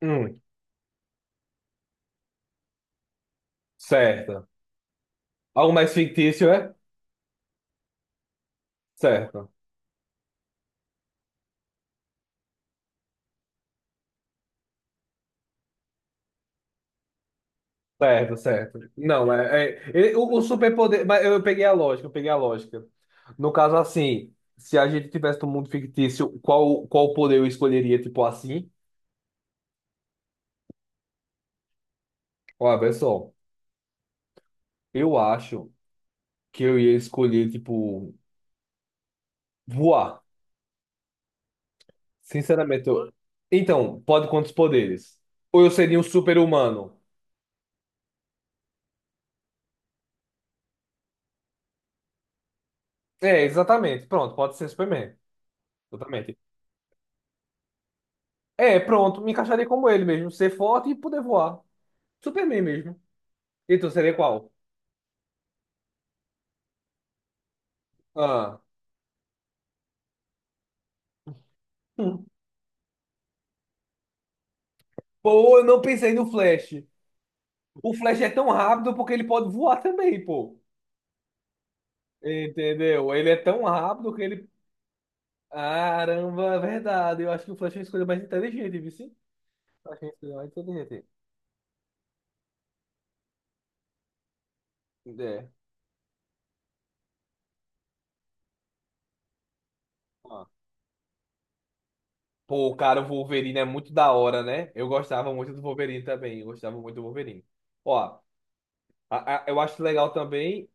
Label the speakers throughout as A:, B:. A: Hum, certo. Algo mais fictício, é? Certo, certo, certo. Não, o superpoder. Mas eu peguei a lógica, eu peguei a lógica. No caso, assim, se a gente tivesse um mundo fictício, qual poder eu escolheria, tipo assim? Olha, pessoal, eu acho que eu ia escolher, tipo, voar. Sinceramente, eu... Então, pode quantos poderes? Ou eu seria um super-humano? É, exatamente. Pronto, pode ser Superman. Exatamente. É, pronto, me encaixaria como ele mesmo, ser forte e poder voar. Superman mesmo. E tu seria qual? Ah. Hum. Pô, eu não pensei no Flash. O Flash é tão rápido porque ele pode voar também, pô. Entendeu? Ele é tão rápido que ele. Caramba, é verdade. Eu acho que o Flash é a escolha mais inteligente, viu? Sim? Eu acho que é a escolha mais inteligente. É. Ah. Pô, cara, o Wolverine é muito da hora, né? Eu gostava muito do Wolverine também. Eu gostava muito do Wolverine. Ó. A- a- Eu acho legal também,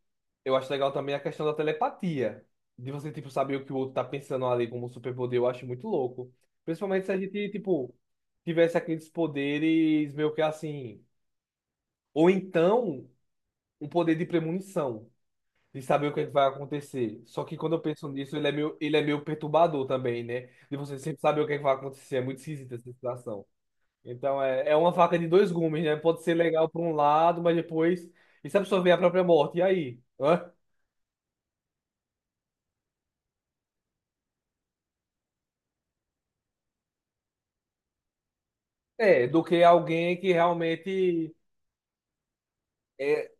A: eu acho legal também a questão da telepatia. De você, tipo, saber o que o outro tá pensando ali como superpoder, eu acho muito louco. Principalmente se a gente, tipo, tivesse aqueles poderes meio que assim. Ou então, um poder de premonição, de saber o que é que vai acontecer. Só que quando eu penso nisso, ele é meio perturbador também, né? De você sempre saber o que é que vai acontecer. É muito esquisita essa situação. Então é uma faca de dois gumes, né? Pode ser legal por um lado, mas depois. E se absorver a própria morte? E aí? Hã? É, do que alguém que realmente é,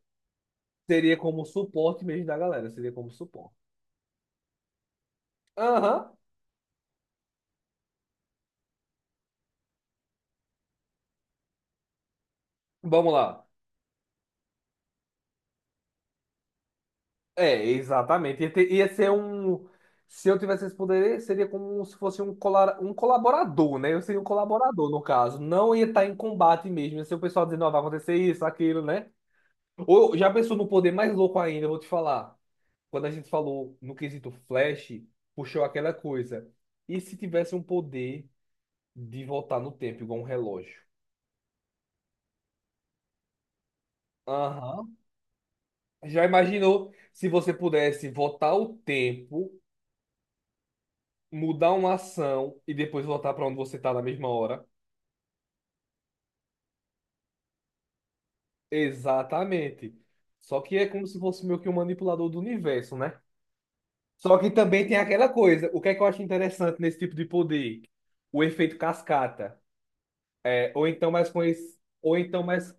A: seria como suporte mesmo da galera. Seria como suporte. Aham. Vamos lá. É, exatamente. Ia ser um. Se eu tivesse esse poder, seria como se fosse um colaborador, né? Eu seria um colaborador, no caso. Não ia estar em combate mesmo. Ia ser o pessoal dizendo, ó, vai acontecer isso, aquilo, né? Ou já pensou no poder mais louco ainda, eu vou te falar. Quando a gente falou no quesito Flash, puxou aquela coisa. E se tivesse um poder de voltar no tempo, igual um relógio? Aham. Já imaginou se você pudesse voltar o tempo, mudar uma ação e depois voltar para onde você tá na mesma hora? Exatamente. Só que é como se fosse meio que um manipulador do universo, né? Só que também tem aquela coisa. O que é que eu acho interessante nesse tipo de poder? O efeito cascata. É, ou então mais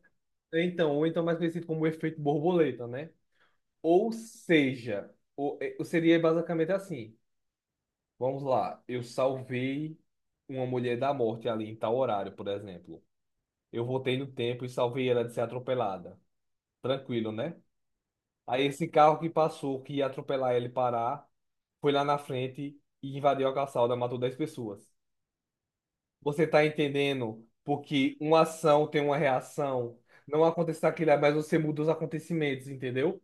A: Ou então mais conhecido como efeito borboleta, né? Ou seja, seria basicamente assim. Vamos lá, eu salvei uma mulher da morte ali em tal horário, por exemplo. Eu voltei no tempo e salvei ela de ser atropelada. Tranquilo, né? Aí esse carro que passou, que ia atropelar ele parar, foi lá na frente e invadiu a calçada, matou 10 pessoas. Você tá entendendo? Porque uma ação tem uma reação. Não aconteceu aquilo, mas você muda os acontecimentos, entendeu?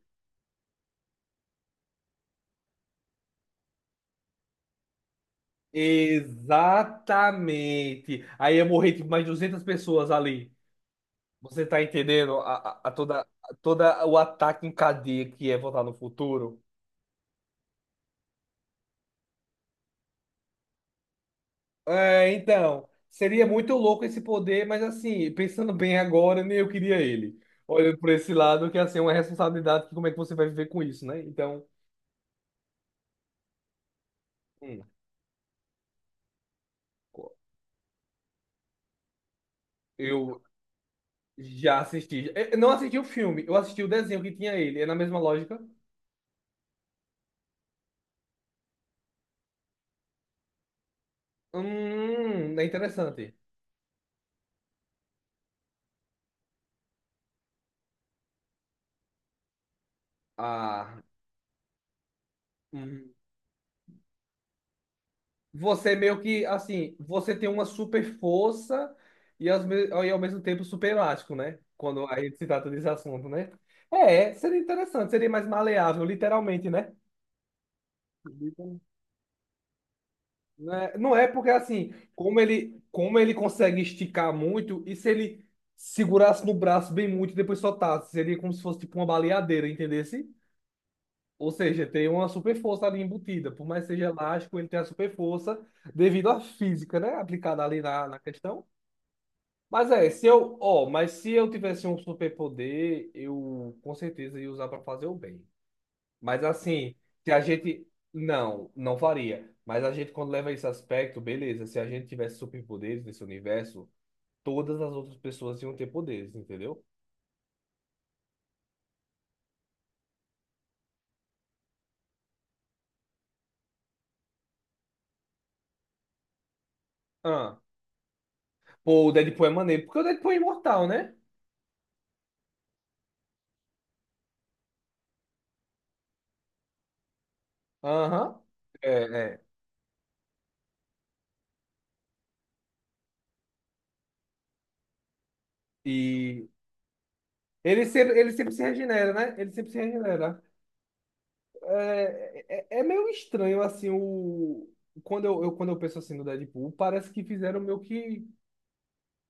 A: Exatamente. Aí ia morrer tipo, mais 200 pessoas ali. Você tá entendendo a toda o ataque em cadeia que é voltar no futuro? É, então, seria muito louco esse poder, mas assim, pensando bem agora, nem eu queria ele. Olhando por esse lado, que assim, é uma responsabilidade, que como é que você vai viver com isso, né? Então, hum, eu já assisti. É, eu não assisti o filme, eu assisti o desenho que tinha ele. É na mesma lógica. É interessante. Ah. Hum. Você é meio que, assim, você tem uma super força e, e ao mesmo tempo super elástico, né? Quando a gente se trata desse assunto, né? É, seria interessante, seria mais maleável, literalmente, né? Literal- Né? Não é porque assim, como ele consegue esticar muito, e se ele segurasse no braço bem muito e depois soltasse, seria como se fosse tipo uma baleadeira, entendesse? Ou seja, tem uma super força ali embutida. Por mais que seja elástico, ele tem a super força devido à física, né? Aplicada ali na questão. Mas se eu tivesse um superpoder, eu com certeza ia usar para fazer o bem. Mas assim, se a gente não, não faria. Mas a gente quando leva esse aspecto, beleza, se a gente tivesse superpoderes nesse universo, todas as outras pessoas iam ter poderes, entendeu? Ah, pô, o Deadpool é maneiro, porque o Deadpool é imortal, né? Aham. É, é. E ele sempre se regenera, né? Ele sempre se regenera. É meio estranho, assim. Quando eu penso assim no Deadpool, parece que fizeram meio que,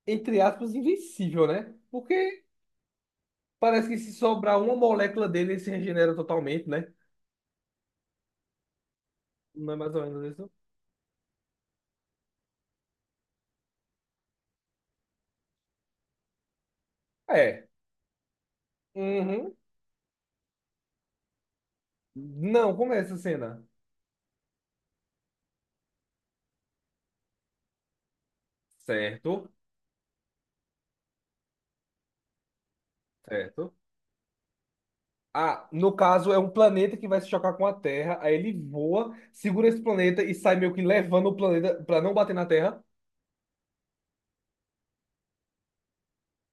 A: entre aspas, invencível, né? Porque parece que se sobrar uma molécula dele, ele se regenera totalmente, né? Não é mais ou menos isso? É. Uhum. Não, como é essa cena? Certo, certo. Ah, no caso, é um planeta que vai se chocar com a Terra, aí ele voa, segura esse planeta e sai meio que levando o planeta pra não bater na Terra.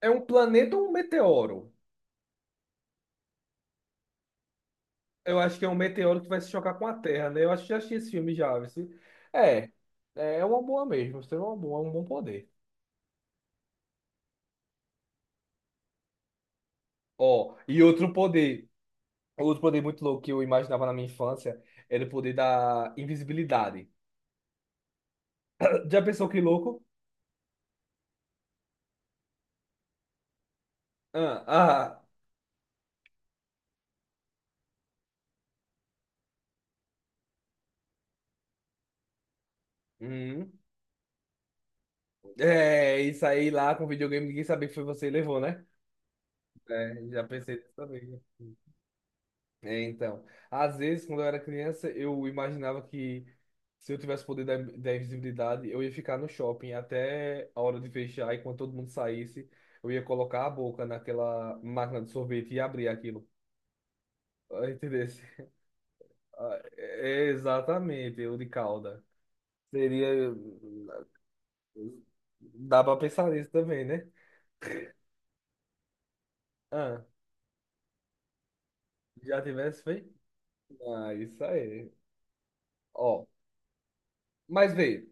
A: É um planeta ou um meteoro? Eu acho que é um meteoro que vai se chocar com a Terra, né? Eu acho que já assisti esse filme já, viu? É, é uma boa mesmo. Você é uma boa, é um bom poder. Ó, e outro poder, muito louco que eu imaginava na minha infância era o poder da invisibilidade. Já pensou que louco? Ah, ah, hum. É, isso aí lá com videogame, ninguém sabia que foi você que levou, né? É, já pensei nisso também. É, então, às vezes, quando eu era criança, eu imaginava que se eu tivesse o poder da invisibilidade, eu ia ficar no shopping até a hora de fechar, e quando todo mundo saísse, eu ia colocar a boca naquela máquina de sorvete e abrir aquilo. Ah, entendeu? Ah, exatamente, eu de calda. Seria. Dá pra pensar nisso também, né? Ah, já tivesse feito? Ah, isso aí. Ó, mas veio.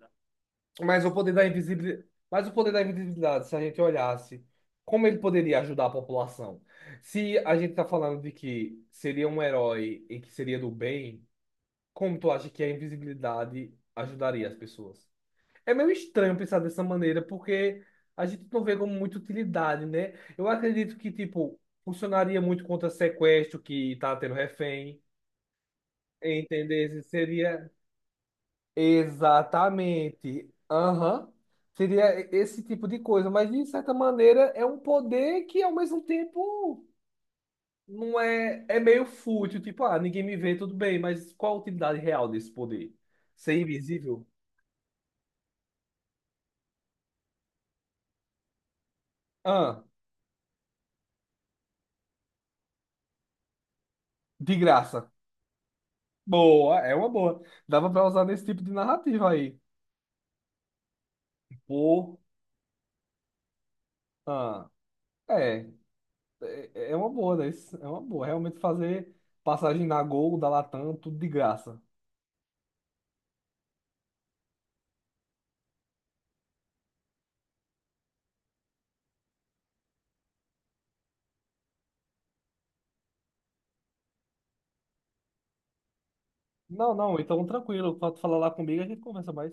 A: Mas o poder da invisibilidade, se a gente olhasse, como ele poderia ajudar a população? Se a gente está falando de que seria um herói e que seria do bem, como tu acha que a invisibilidade ajudaria as pessoas? É meio estranho pensar dessa maneira, porque a gente não vê como muita utilidade, né? Eu acredito que, tipo, funcionaria muito contra sequestro que tá tendo refém, entender? Seria Exatamente. Aham. Seria esse tipo de coisa, mas de certa maneira é um poder que ao mesmo tempo não é, é meio fútil, tipo, ah, ninguém me vê, tudo bem, mas qual a utilidade real desse poder? Ser invisível? Ah, de graça. Boa, é uma boa. Dava pra usar nesse tipo de narrativa aí. Pô, ah, é, é uma boa, né? Isso é uma boa. Realmente fazer passagem na Gol, da Latam, tudo de graça. Não, não, então tranquilo. Quando tu falar lá comigo, a gente conversa mais.